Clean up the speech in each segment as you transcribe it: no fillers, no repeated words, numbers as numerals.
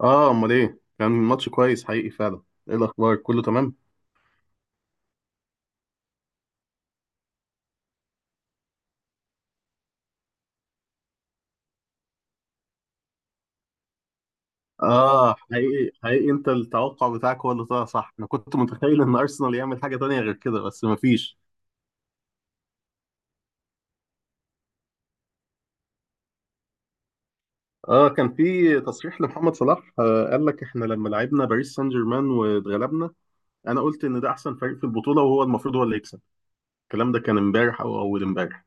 اه، امال ايه؟ كان ماتش كويس حقيقي فعلا. ايه الاخبار، كله تمام؟ اه حقيقي حقيقي، انت التوقع بتاعك هو اللي طلع صح. انا كنت متخيل ان ارسنال يعمل حاجه تانية غير كده، بس مفيش. اه، كان في تصريح لمحمد صلاح، قال لك احنا لما لعبنا باريس سان جيرمان واتغلبنا، انا قلت ان ده احسن فريق في البطوله، وهو المفروض هو اللي يكسب. الكلام ده كان امبارح او اول امبارح.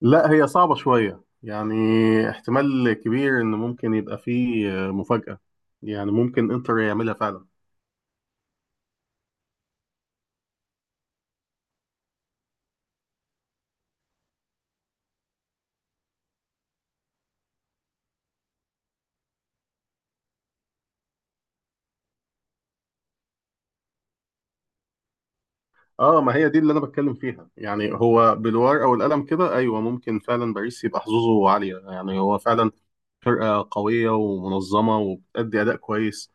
لا، هي صعبه شويه يعني. احتمال كبير ان ممكن يبقى فيه مفاجاه. يعني ممكن انتر يعملها فعلا. اه، ما هي دي اللي انا بتكلم فيها يعني. هو بالورقه او القلم كده، ايوه ممكن فعلا باريس يبقى حظوظه عاليه. يعني هو فعلا فرقه قويه ومنظمه وبتأدي اداء كويس.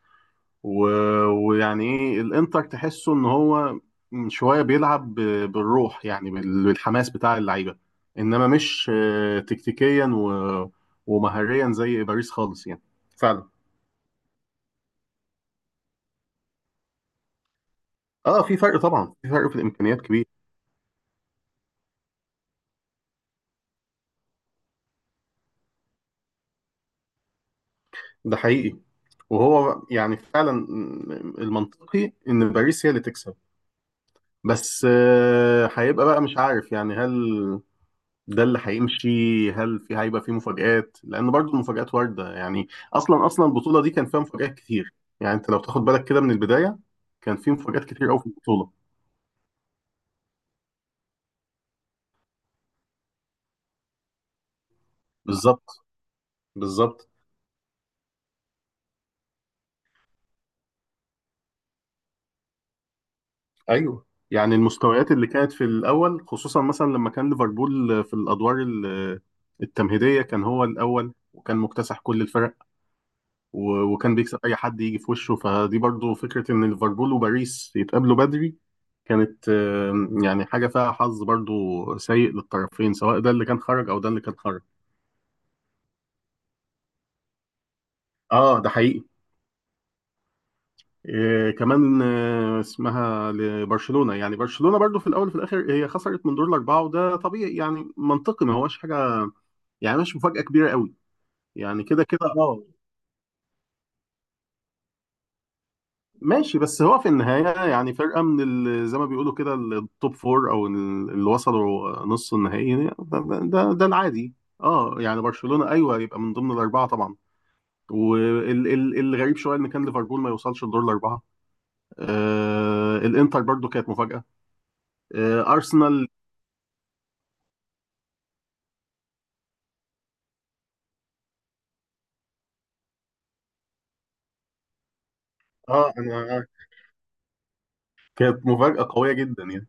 و... ويعني ايه، الانتر تحسه ان هو شويه بيلعب بالروح يعني، بالحماس بتاع اللعيبه. انما مش تكتيكيا ومهاريا زي باريس خالص يعني، فعلا. اه في فرق طبعا، في فرق في الامكانيات كبير. ده حقيقي. وهو يعني فعلا المنطقي ان باريس هي اللي تكسب. بس هيبقى بقى مش عارف يعني، هل ده اللي هيمشي؟ هل في هيبقى في مفاجآت؟ لان برضو المفاجآت واردة يعني. اصلا اصلا البطولة دي كان فيها مفاجآت كتير. يعني انت لو تاخد بالك كده من البداية، كان في مفاجآت كتير قوي في البطولة. بالظبط بالظبط. ايوه يعني المستويات اللي كانت في الاول، خصوصا مثلا لما كان ليفربول في الادوار التمهيدية، كان هو الاول وكان مكتسح كل الفرق. وكان بيكسب اي حد يجي في وشه. فدي برضو فكره، ان ليفربول وباريس يتقابلوا بدري كانت يعني حاجه فيها حظ برضو سيء للطرفين، سواء ده اللي كان خرج او ده اللي كان خرج. اه ده حقيقي. آه كمان آه اسمها لبرشلونه. يعني برشلونه برضو في الاول وفي الاخر هي خسرت من دور الاربعه، وده طبيعي يعني، منطقي، ما هوش حاجه يعني، مش مفاجاه كبيره قوي. يعني كده كده اه. ماشي، بس هو في النهاية يعني فرقة من زي ما بيقولوا كده التوب فور، أو اللي وصلوا نص النهائي ده العادي. اه يعني برشلونة أيوه يبقى من ضمن الأربعة طبعا. والغريب شوية إن كان ليفربول ما يوصلش لدور الأربعة. آه الإنتر برضو كانت مفاجأة. آه أرسنال. اه أنا، كانت مفاجأة قوية جدا يعني.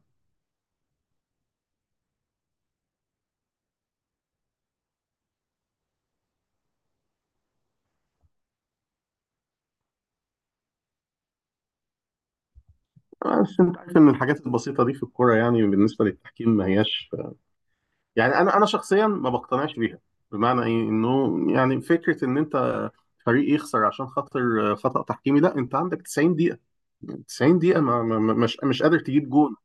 بس أنت عارف إن الحاجات البسيطة دي في الكورة يعني، بالنسبة للتحكيم ما هياش يعني. انا شخصيا ما بقتنعش بيها. بمعنى ايه، انه يعني فكره ان انت فريق يخسر عشان خاطر خطأ تحكيمي، لا انت عندك 90 دقيقه، 90 دقيقه، مش قادر تجيب جون.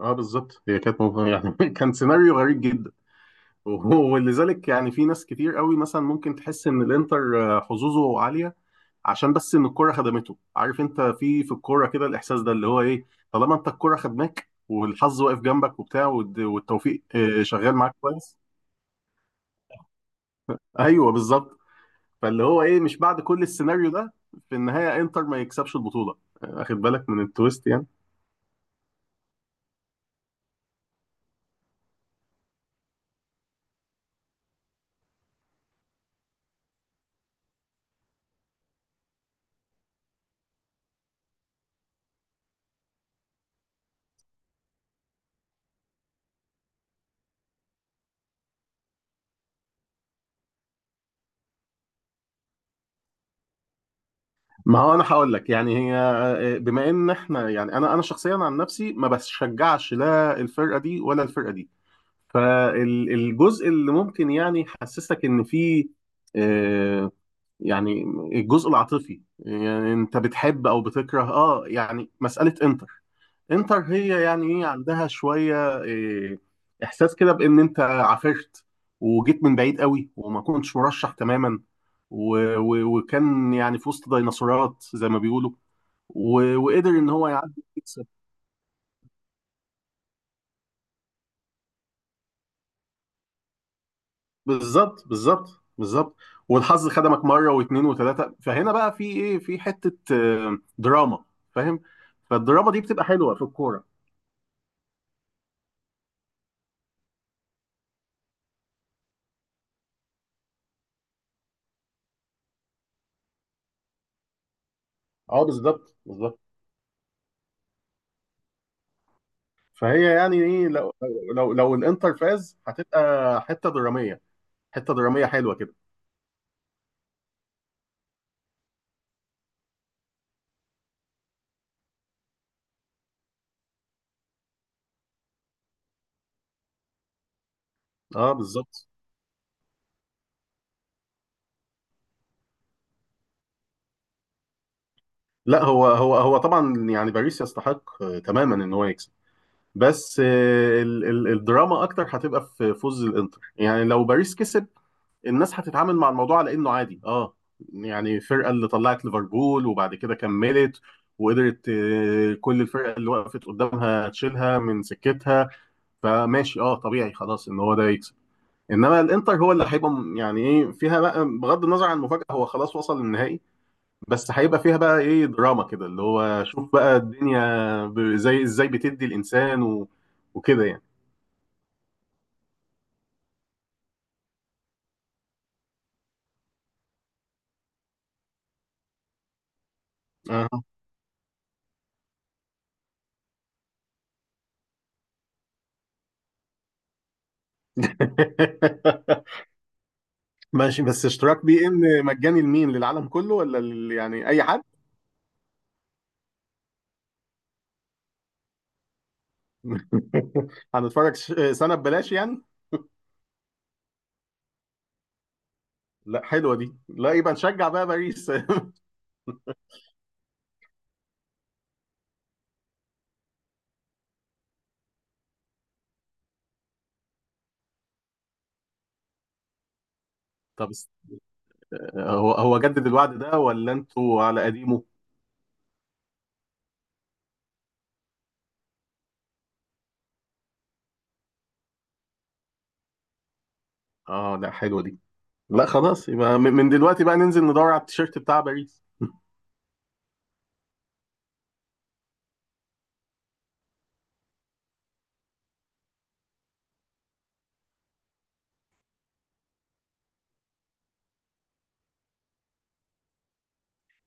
اه بالظبط، هي كانت يعني كان سيناريو غريب جدا. ولذلك يعني في ناس كتير قوي مثلا ممكن تحس ان الانتر حظوظه عاليه عشان بس ان الكره خدمته. عارف انت في في الكوره كده الاحساس ده اللي هو ايه، طالما انت الكره خدماك والحظ واقف جنبك وبتاع، والتوفيق شغال معاك كويس. ايوه بالظبط. فاللي هو ايه، مش بعد كل السيناريو ده في النهايه انتر ما يكسبش البطوله؟ واخد بالك من التويست يعني. ما هو انا هقول لك يعني، هي بما ان احنا يعني انا شخصيا عن نفسي ما بشجعش لا الفرقه دي ولا الفرقه دي، فالجزء اللي ممكن يعني يحسسك ان في آه، يعني الجزء العاطفي، يعني انت بتحب او بتكره، اه يعني مساله انتر. انتر هي يعني ايه، عندها شويه إيه، احساس كده بان انت عافرت وجيت من بعيد قوي وما كنتش مرشح تماما، و و وكان يعني في وسط ديناصورات زي ما بيقولوا، و وقدر ان هو يعدي يكسب. بالظبط بالظبط بالظبط. والحظ خدمك مره واثنين وثلاثه، فهنا بقى في ايه، في حته دراما. فاهم؟ فالدراما دي بتبقى حلوه في الكوره. اه بالظبط بالظبط. فهي يعني ايه، لو لو الانتر فاز هتبقى حته دراميه، حته دراميه حلوه كده. اه بالظبط. لا هو هو طبعا يعني باريس يستحق تماما ان هو يكسب. بس آه، ال ال الدراما اكتر هتبقى في فوز الانتر. يعني لو باريس كسب، الناس هتتعامل مع الموضوع على انه عادي، اه يعني الفرقه اللي طلعت ليفربول وبعد كده كملت وقدرت كل الفرقه اللي وقفت قدامها تشيلها من سكتها. فماشي اه، طبيعي، خلاص ان هو ده يكسب. انما الانتر هو اللي هيبقى يعني ايه فيها بقى، بغض النظر عن المفاجاه هو خلاص وصل للنهائي، بس هيبقى فيها بقى ايه دراما كده، اللي هو شوف بقى الدنيا زي ازاي بتدي الانسان وكده يعني. آه. ماشي، بس اشتراك بي ان مجاني لمين، للعالم كله ولا يعني اي حد؟ هنتفرج سنه ببلاش يعني؟ لا حلوه دي، لا يبقى نشجع بقى باريس. طب هو جدد الوعد ده ولا انتوا على قديمه؟ اه لا حلوه دي. لا خلاص، يبقى من من دلوقتي بقى ننزل ندور على التيشيرت بتاع باريس. اه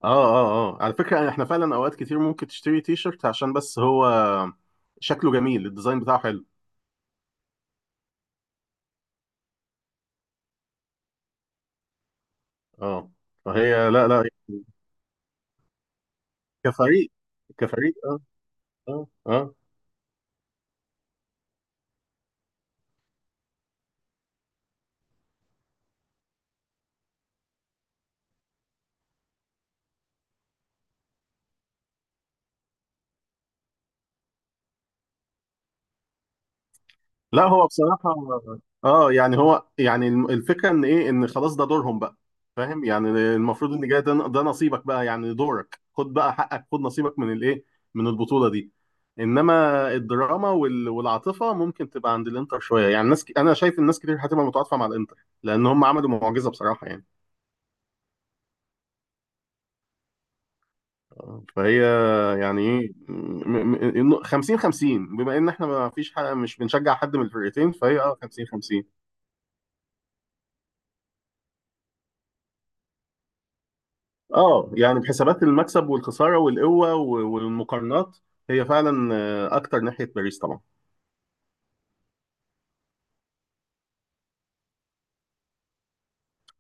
اه. اه على فكرة احنا فعلا اوقات كتير ممكن تشتري تيشيرت عشان بس هو شكله جميل، الديزاين بتاعه حلو. اه. فهي لا لا، كفريق كفريق، اه اه اه. لا هو بصراحة اه، يعني هو يعني الفكرة ان ايه، ان خلاص ده دورهم بقى. فاهم يعني المفروض ان جاي ده، ده نصيبك بقى، يعني دورك، خد بقى حقك، خد نصيبك من الايه، من البطولة دي. انما الدراما والعاطفة ممكن تبقى عند الانتر شوية. يعني ناس انا شايف الناس كتير هتبقى متعاطفة مع الانتر، لان هم عملوا معجزة بصراحة يعني. فهي يعني ايه، إنه 50 50، بما ان احنا ما فيش حاجة، مش بنشجع حد من الفرقتين، فهي اه 50 50. اه يعني بحسابات المكسب والخساره والقوه والمقارنات، هي فعلا اكتر ناحيه باريس طبعا.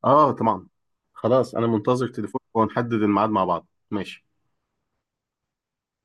اه طبعا. خلاص انا منتظر تليفونك ونحدد الميعاد مع بعض، ماشي.